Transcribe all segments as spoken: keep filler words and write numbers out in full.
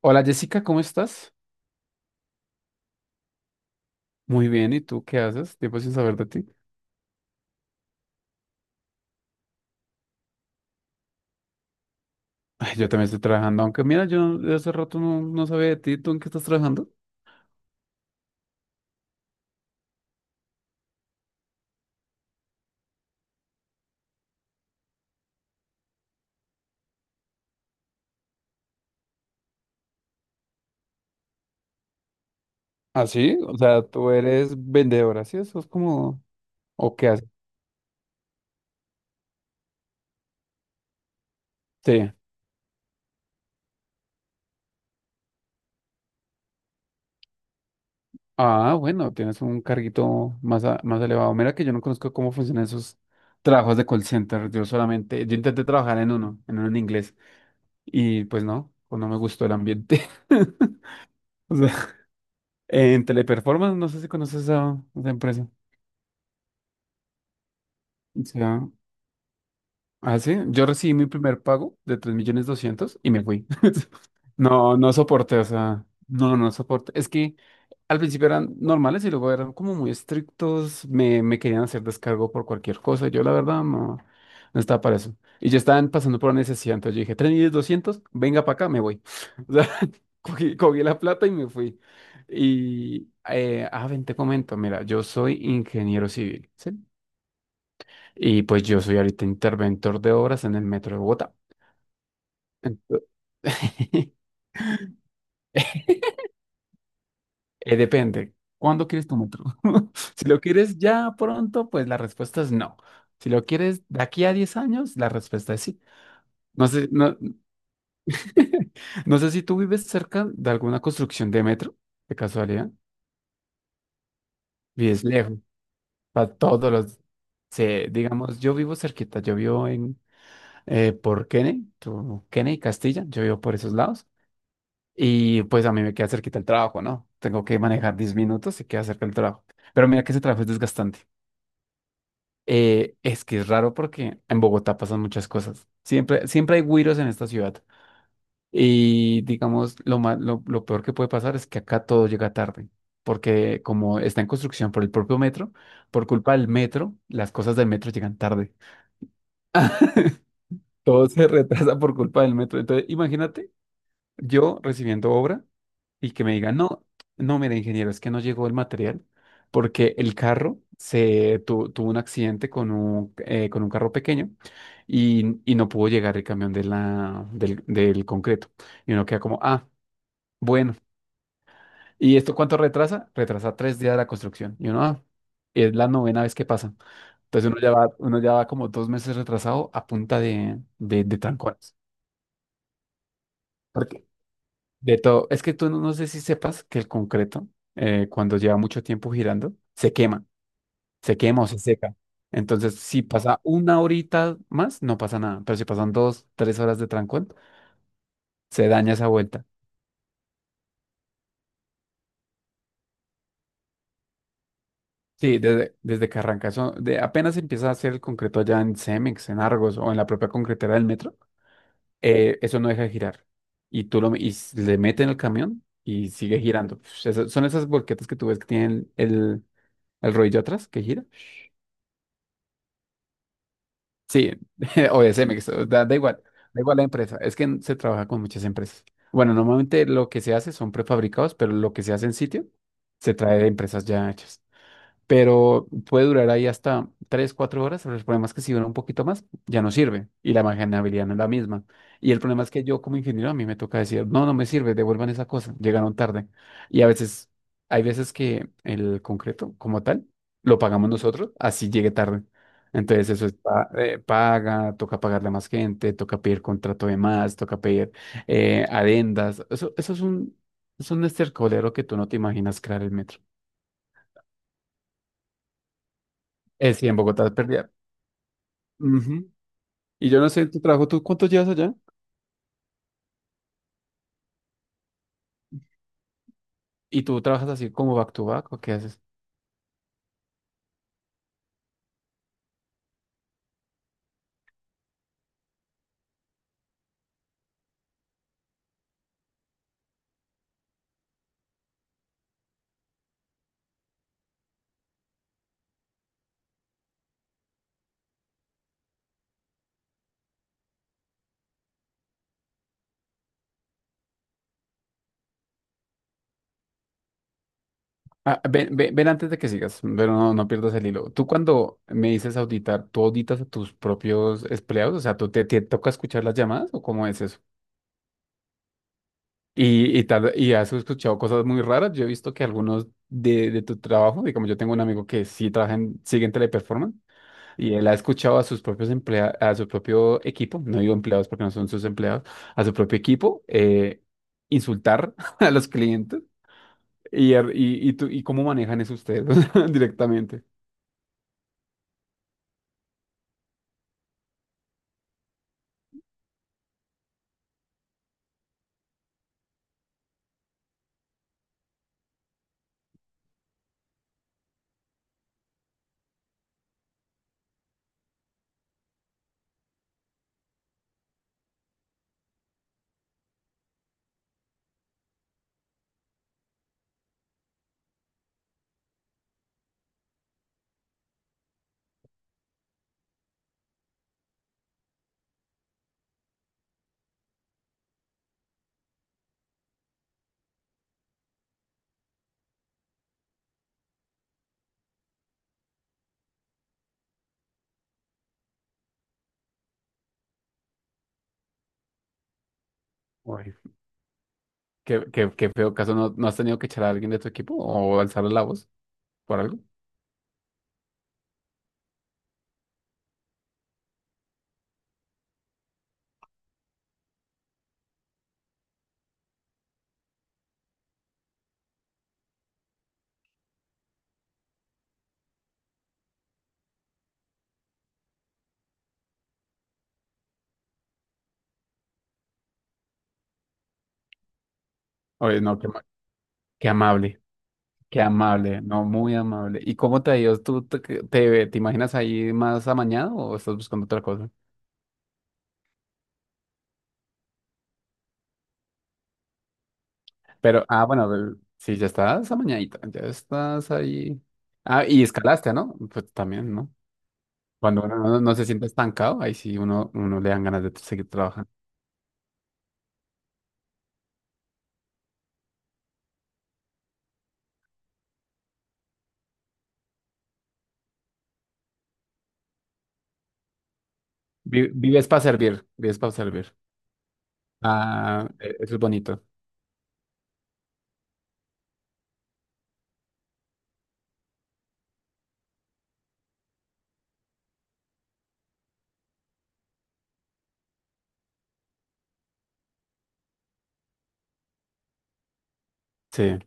Hola Jessica, ¿cómo estás? Muy bien, ¿y tú qué haces? Tiempo sin saber de ti. Ay, yo también estoy trabajando, aunque mira, yo no- de hace rato no, no sabía de ti, ¿tú en qué estás trabajando? Ah, sí, o sea, tú eres vendedora, ¿sí? Eso es como. ¿O qué haces? Sí. Ah, bueno, tienes un carguito más, a- más elevado. Mira que yo no conozco cómo funcionan esos trabajos de call center. Yo solamente, yo intenté trabajar en uno, en uno en inglés, y pues no, pues no me gustó el ambiente. O sea, en Teleperformance, no sé si conoces a esa empresa. Sí. Ah, sí, yo recibí mi primer pago de tres millones doscientos y me fui. No, no soporté, o sea, no, no soporté. Es que al principio eran normales y luego eran como muy estrictos, me, me querían hacer descargo por cualquier cosa. Yo la verdad no, no estaba para eso. Y ya estaban pasando por la necesidad, entonces yo dije, tres millones doscientos, venga para acá, me voy. O sea, cogí, cogí la plata y me fui. Y, eh, ah, ven, te comento, mira, yo soy ingeniero civil, ¿sí? Y pues yo soy ahorita interventor de obras en el metro de Bogotá. Ento- eh, depende. ¿Cuándo quieres tu metro? Si lo quieres ya pronto, pues la respuesta es no. Si lo quieres de aquí a diez años, la respuesta es sí. No sé, no, no sé si tú vives cerca de alguna construcción de metro, de casualidad. Vives lejos, para todos los. Sí, digamos, yo vivo cerquita, yo vivo en, eh, por Kenney, tu- Kenney, Castilla, yo vivo por esos lados. Y pues a mí me queda cerquita el trabajo, ¿no? Tengo que manejar diez minutos y queda cerca el trabajo. Pero mira que ese trabajo es desgastante. Eh, es que es raro porque en Bogotá pasan muchas cosas. Siempre, siempre hay güiros en esta ciudad. Y digamos, lo ma- lo, lo peor que puede pasar es que acá todo llega tarde. Porque como está en construcción por el propio metro, por culpa del metro, las cosas del metro llegan tarde. Todo se retrasa por culpa del metro. Entonces, imagínate, yo recibiendo obra y que me digan, no, no, mire, ingeniero, es que no llegó el material porque el carro se tu- tuvo un accidente con un, eh, con un carro pequeño y, y no pudo llegar el camión de la, del, del concreto. Y uno queda como, ah, bueno. ¿Y esto cuánto retrasa? Retrasa tres días la construcción. Y uno, ah, es la novena vez que pasa. Entonces uno ya va, uno ya va como dos meses retrasado a punta de, de, de trancones. De todo. Es que tú no, no sé si sepas que el concreto, eh, cuando lleva mucho tiempo girando, se quema, se quema o se seca. Entonces, si pasa una horita más, no pasa nada. Pero si pasan dos, tres horas de trancón, se daña esa vuelta. Sí, desde, desde que arranca eso, de, apenas empieza a hacer el concreto allá en Cemex, en Argos o en la propia concretera del metro, eh, eso no deja de girar. Y tú lo, y s- le meten el camión y sigue girando. Uf, eso- son esas volquetas que tú ves que tienen el, el rodillo atrás que gira. Sí, o de Cemex, o da, da igual, da igual la empresa. Es que se trabaja con muchas empresas. Bueno, normalmente lo que se hace son prefabricados, pero lo que se hace en sitio se trae de empresas ya hechas, pero puede durar ahí hasta tres cuatro horas, pero el problema es que si dura un poquito más, ya no sirve y la manejabilidad no es la misma. Y el problema es que yo como ingeniero a mí me toca decir, no, no me sirve, devuelvan esa cosa, llegaron tarde. Y a veces, hay veces que el concreto como tal lo pagamos nosotros, así llegue tarde. Entonces eso es pa- eh, paga, toca pagarle a más gente, toca pedir contrato de más, toca pedir eh, adendas. Eso, eso es un, es un estercolero que tú no te imaginas crear el metro. Eh, sí, en Bogotá es pérdida. Ujú. Y yo no sé, tu trabajo, ¿tú cuánto llevas allá? ¿Y tú trabajas así como back to back o qué haces? Ah, ven, ven, ven antes de que sigas, pero no, no pierdas el hilo. Tú cuando me dices auditar, ¿tú auditas a tus propios empleados? O sea, ¿tú te, te toca escuchar las llamadas o cómo es eso? Y, y tal, y has escuchado cosas muy raras. Yo he visto que algunos de, de tu trabajo, y como yo tengo un amigo que sí trabaja en, sigue en Teleperformance. Y él ha escuchado a sus propios empleados, a su propio equipo, no digo empleados porque no son sus empleados, a su propio equipo, eh, insultar a los clientes. Y, er- y, y, tú- y cómo manejan eso ustedes directamente. Uy, qué, qué, qué feo caso. ¿No, no has tenido que echar a alguien de tu equipo o alzarle la voz por algo? Oye, no, qué, ma- qué amable, qué amable, no, muy amable. ¿Y cómo te ha ido? ¿Tú te, te, te imaginas ahí más amañado o estás buscando otra cosa? Pero, ah, bueno, el- sí, ya estás amañadita, ya estás ahí. Ah, y escalaste, ¿no? Pues también, ¿no? Cuando uno no, no se siente estancado, ahí sí uno, uno le dan ganas de seguir trabajando. Vi- Vives para servir, vives para servir. Ah, e- eso es bonito. Sí.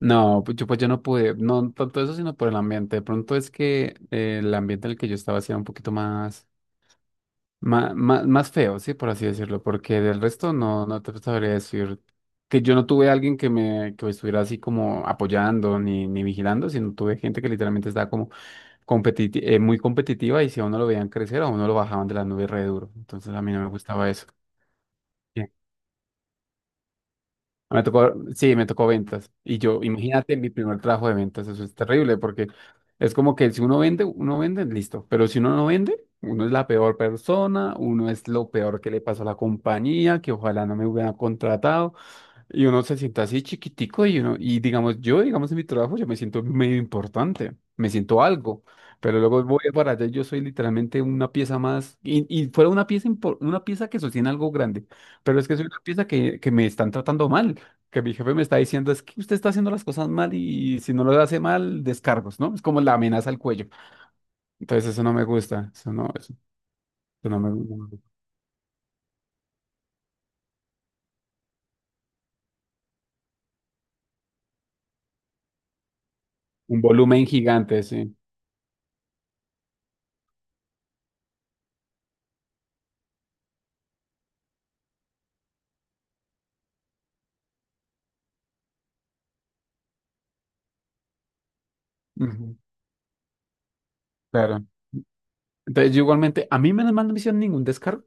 No, pues yo, pues yo no pude, no tanto eso, sino por el ambiente. De pronto es que eh, el ambiente en el que yo estaba sí era un poquito más, ma- ma- más feo, ¿sí? Por así decirlo, porque del resto no, no te sabría decir que yo no tuve alguien que me, que me estuviera así como apoyando ni, ni vigilando, sino tuve gente que literalmente estaba como competiti- eh, muy competitiva y si a uno lo veían crecer, a uno lo bajaban de la nube re duro. Entonces a mí no me gustaba eso. Me tocó, sí, me tocó ventas. Y yo, imagínate mi primer trabajo de ventas, eso es terrible, porque es como que si uno vende, uno vende, listo. Pero si uno no vende, uno es la peor persona, uno es lo peor que le pasó a la compañía, que ojalá no me hubieran contratado. Y uno se siente así chiquitico y uno, y digamos, yo, digamos, en mi trabajo, yo me siento medio importante, me siento algo, pero luego voy para allá y yo soy literalmente una pieza más, y, y fuera una pieza, impor- una pieza que sostiene algo grande, pero es que soy una pieza que, que me están tratando mal, que mi jefe me está diciendo, es que usted está haciendo las cosas mal y si no lo hace mal, descargos, ¿no? Es como la amenaza al cuello. Entonces eso no me gusta, eso no, eso, eso no me gusta. Un volumen gigante, sí. Ujú. Claro. Entonces, yo igualmente, a mí menos mal no me hicieron ningún descargo.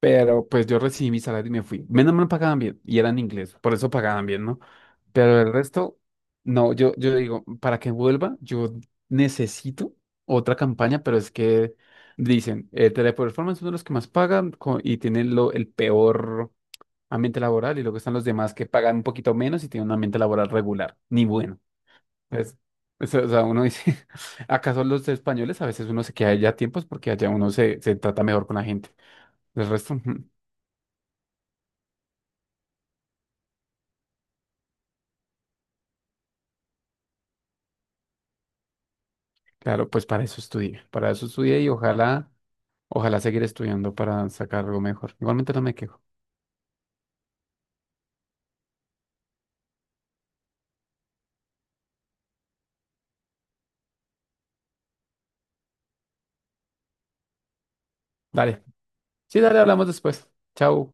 Pero pues yo recibí mi salario y me fui. Menos mal pagaban bien y eran inglés, por eso pagaban bien, ¿no? Pero el resto, no, yo, yo digo, para que vuelva, yo necesito otra campaña, pero es que dicen, eh, Teleperformance es uno de los que más pagan co- y tienen lo, el peor ambiente laboral y luego están los demás que pagan un poquito menos y tienen un ambiente laboral regular, ni bueno. Pues, eso, o sea, uno dice, ¿acaso los españoles a veces uno se queda allá a tiempos porque allá uno se, se trata mejor con la gente? El resto. Claro, pues para eso estudié, para eso estudié y ojalá, ojalá seguir estudiando para sacar algo mejor. Igualmente no me quejo. Dale. Sí, dale, hablamos después. Chao.